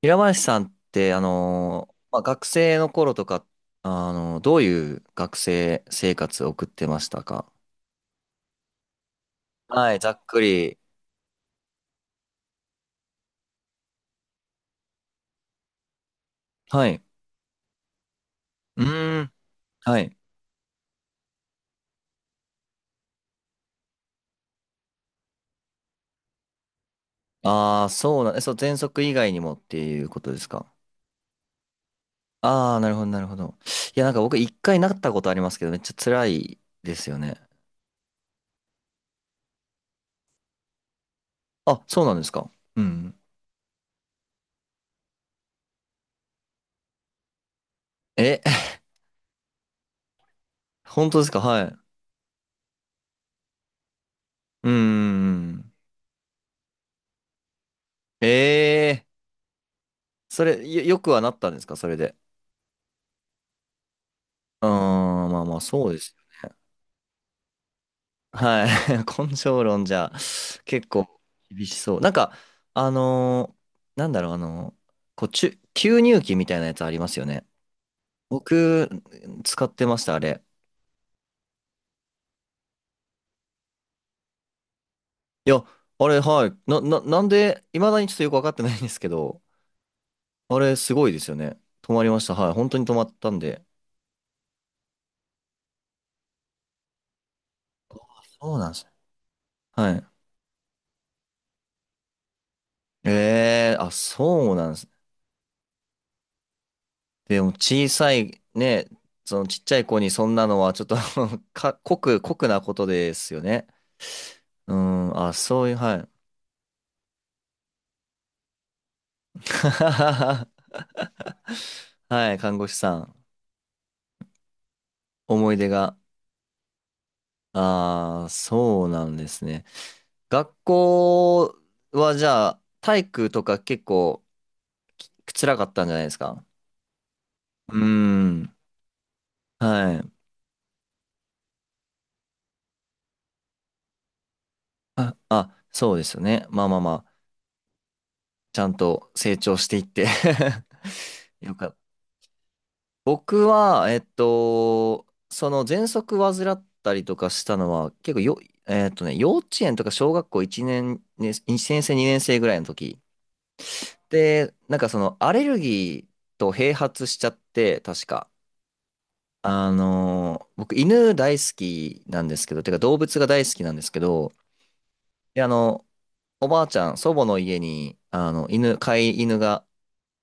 平林さんって、まあ、学生の頃とか、どういう学生生活を送ってましたか？はい、ざっくり。はい。うーん。はい。ああ、そうなん、えそう、前職以外にもっていうことですか？ああー、なるほど、なるほど。いや、なんか僕一回なったことありますけど、めっちゃ辛いですよね。あ、そうなんですか？うん。え、本当ですか？はい。うーん。ええー、それ、よ、よくはなったんですか、それで。うーん、まあまあ、そうです。はい。根性論じゃ結構厳しそう。なんか、あのーなんだろう、こう、注吸入器みたいなやつありますよね。僕、使ってました、あれ。いや、あれ、はい。な、な、なんで、いまだにちょっとよくわかってないんですけど、あれ、すごいですよね。止まりました。はい。本当に止まったんで。そうなんですね。はい。えー、あ、そうなんです。でも、小さい、ね、そのちっちゃい子にそんなのは、ちょっと か、酷、酷なことですよね。うん、あ、そういう、はい。はい、看護師さん。思い出が。ああ、そうなんですね。学校はじゃあ、体育とか結構辛かったんじゃないですか？うーん、はい。あ、あ、そうですよね。まあまあまあ、ちゃんと成長していって よかった。僕は、その喘息患ったりとかしたのは、結構よ、えっとね、幼稚園とか小学校1年、ね、1年生、2年生ぐらいの時。で、なんかそのアレルギーと併発しちゃって、確か。あのー、僕犬大好きなんですけど、てか動物が大好きなんですけど、で、あの、おばあちゃん、祖母の家に、あの、犬、飼い犬が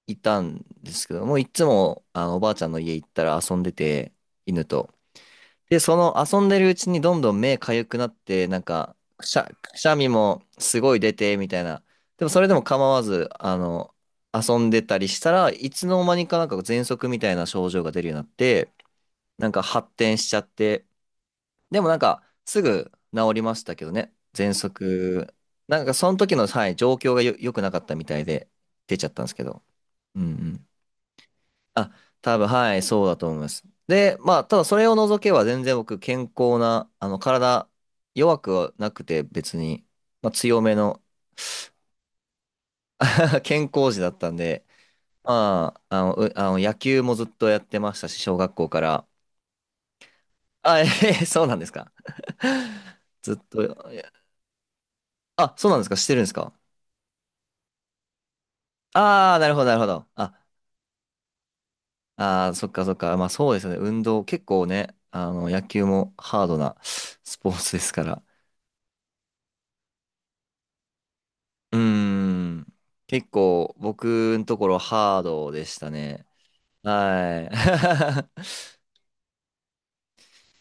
いたんですけど、もういつも、あの、おばあちゃんの家行ったら遊んでて、犬と。で、その遊んでるうちにどんどん目かゆくなって、なんか、くしゃ、くしゃみもすごい出て、みたいな。でもそれでも構わず、あの、遊んでたりしたらいつの間にかなんか喘息みたいな症状が出るようになって、なんか発展しちゃって、でもなんかすぐ治りましたけどね、喘息。なんかその時の、はい、状況がよ、良くなかったみたいで、出ちゃったんですけど。うんうん、あ、多分、はい、そうだと思います。で、まあ、ただそれを除けば全然僕、健康な、あの、体、弱くはなくて別に、まあ、強めの 健康児だったんで、まあ、あの、うあの野球もずっとやってましたし、小学校から。あ、えへへそうなんですか？ずっと、いやあ、そうなんですか、してるんですか？ああ、なるほど、なるほど。あ、あー、そっか、そっか。まあ、そうですよね。運動、結構ね、あの、野球もハードなスポーツですから。うーん。結構僕のところハードでしたね。はい。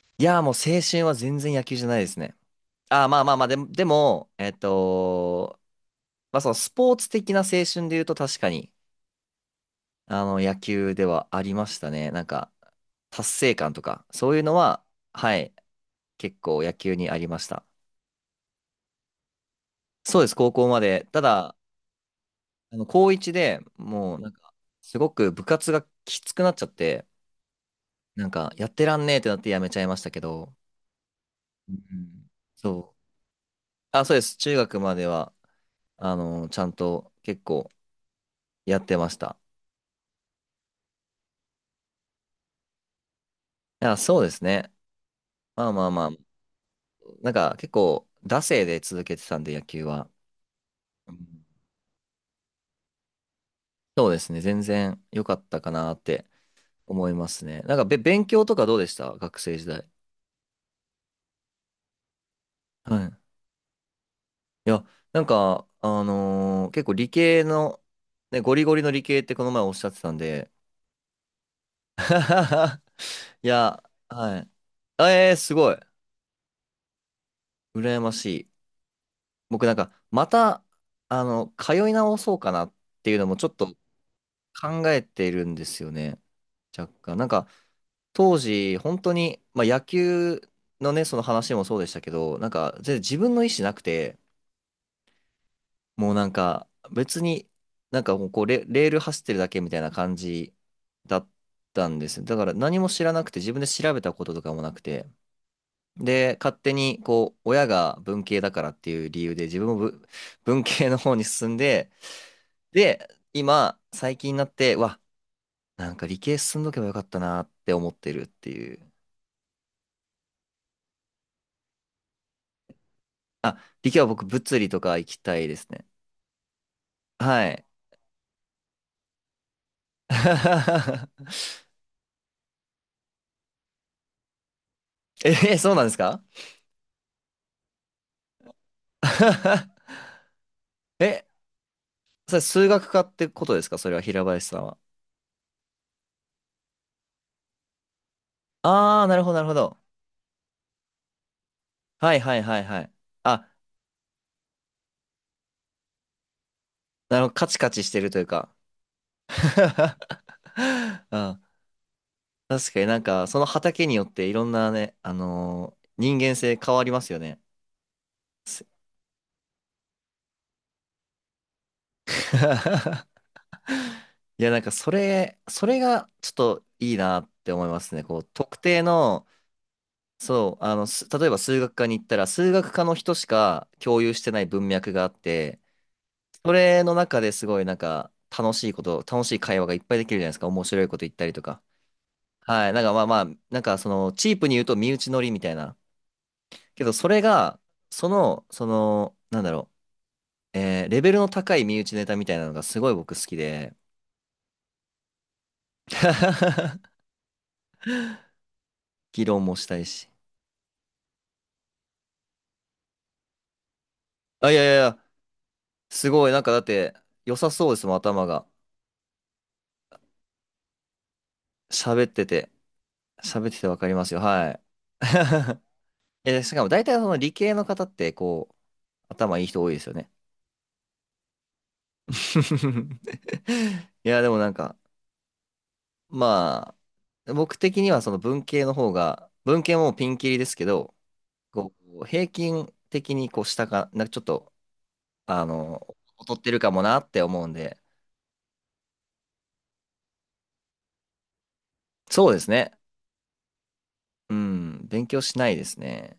いや、もう青春は全然野球じゃないですね。あ、まあまあまあ、でも、でも、まあそのスポーツ的な青春で言うと確かに、あの、野球ではありましたね。なんか、達成感とか、そういうのは、はい、結構野球にありました。そうです、高校まで。ただ、あの、高1でもう、なんか、すごく部活がきつくなっちゃって、なんか、やってらんねえってなってやめちゃいましたけど、うん。そう。あ、そうです。中学までは、あの、ちゃんと結構やってました。いや、そうですね。まあまあまあ、なんか結構、惰性で続けてたんで、野球は。うん、そうですね。全然良かったかなって思いますね。なんかべ、勉強とかどうでした学生時代。はい。いや、なんか、結構理系の、ね、ゴリゴリの理系ってこの前おっしゃってたんで、いや、はい。ええー、すごい。羨ましい。僕なんか、また、あの、通い直そうかなっていうのもちょっと考えているんですよね。若干。なんか、当時、本当に、まあ、野球のね、その話もそうでしたけど、なんか、全然自分の意思なくて、もうなんか、別に、なんかもうこうレ、レール走ってるだけみたいな感じだったんです。だから、何も知らなくて、自分で調べたこととかもなくて、で、勝手に、こう、親が文系だからっていう理由で、自分もぶ文系の方に進んで、で、今、最近になって、うわ、なんか理系進んどけばよかったなって思ってるっていう。あ、理系は僕、物理とか行きたいですね。はい。え、そうなんですか？ え、それ数学科ってことですか、それは平林さんは。あー、なるほど、なるほど。はいはいはいはい。あ、なるほど、カチカチしてるというか。うん、確かになんか、その畑によっていろんなね、人間性変わりますよね。す いや、なんかそれ、それがちょっといいなって思いますね。こう、特定の、そう、あの、す例えば数学科に行ったら、数学科の人しか共有してない文脈があって、それの中ですごいなんか楽しいこと、楽しい会話がいっぱいできるじゃないですか。面白いこと言ったりとか。はい。なんかまあまあ、なんかその、チープに言うと身内乗りみたいな。けど、それが、その、その、なんだろう。えーレベルの高い身内ネタみたいなのがすごい僕好きで、議論もしたいし。あ、いやいやいや、すごい、なんかだって、良さそうですもん、頭が。喋ってて、喋っててわかりますよ、はい。いや、しかも大体その理系の方って、こう、頭いい人多いですよね。いや、でもなんか、まあ、僕的にはその文系の方が、文系もピンキリですけど、こう、平均的にこう下か、なんかちょっと、あの、劣ってるかもなって思うんで。そうですね。うん。勉強しないですね。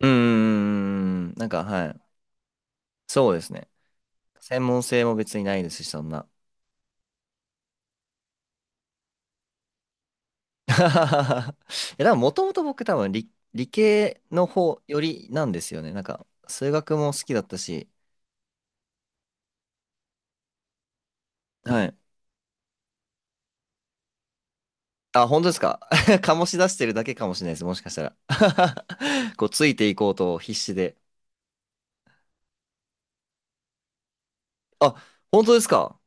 うーん。なんか、はい。そうですね。専門性も別にないですし、そんな。いや、でも、もともと僕多分理、理系の方よりなんですよね。なんか、数学も好きだったし。はい。あ、本当ですか？醸し出してるだけかもしれないです。もしかしたら。こう、ついていこうと必死で。あ、本当ですか？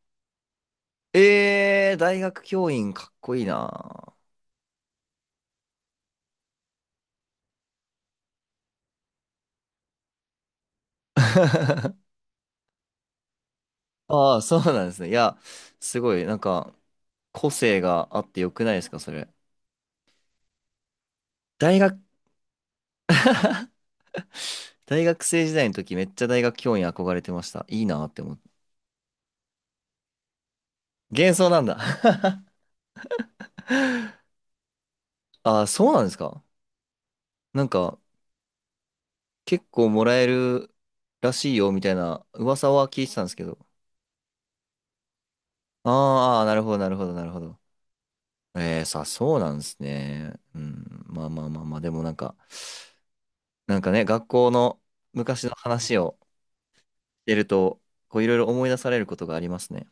えー、大学教員かっこいいな。ああ、そうなんですね。いや、すごい、なんか、個性があってよくないですか、それ。大学、大学生時代の時、めっちゃ大学教員憧れてました。いいなって思って。幻想なんだ。ああ、そうなんですか？なんか、結構もらえるらしいよ、みたいな噂は聞いてたんですけど。あーあー、なるほど、なるほど、なるほど。ええ、さ、そうなんですね。うん、まあまあまあまあ、でもなんか、なんかね、学校の昔の話をしてると、こう、いろいろ思い出されることがありますね。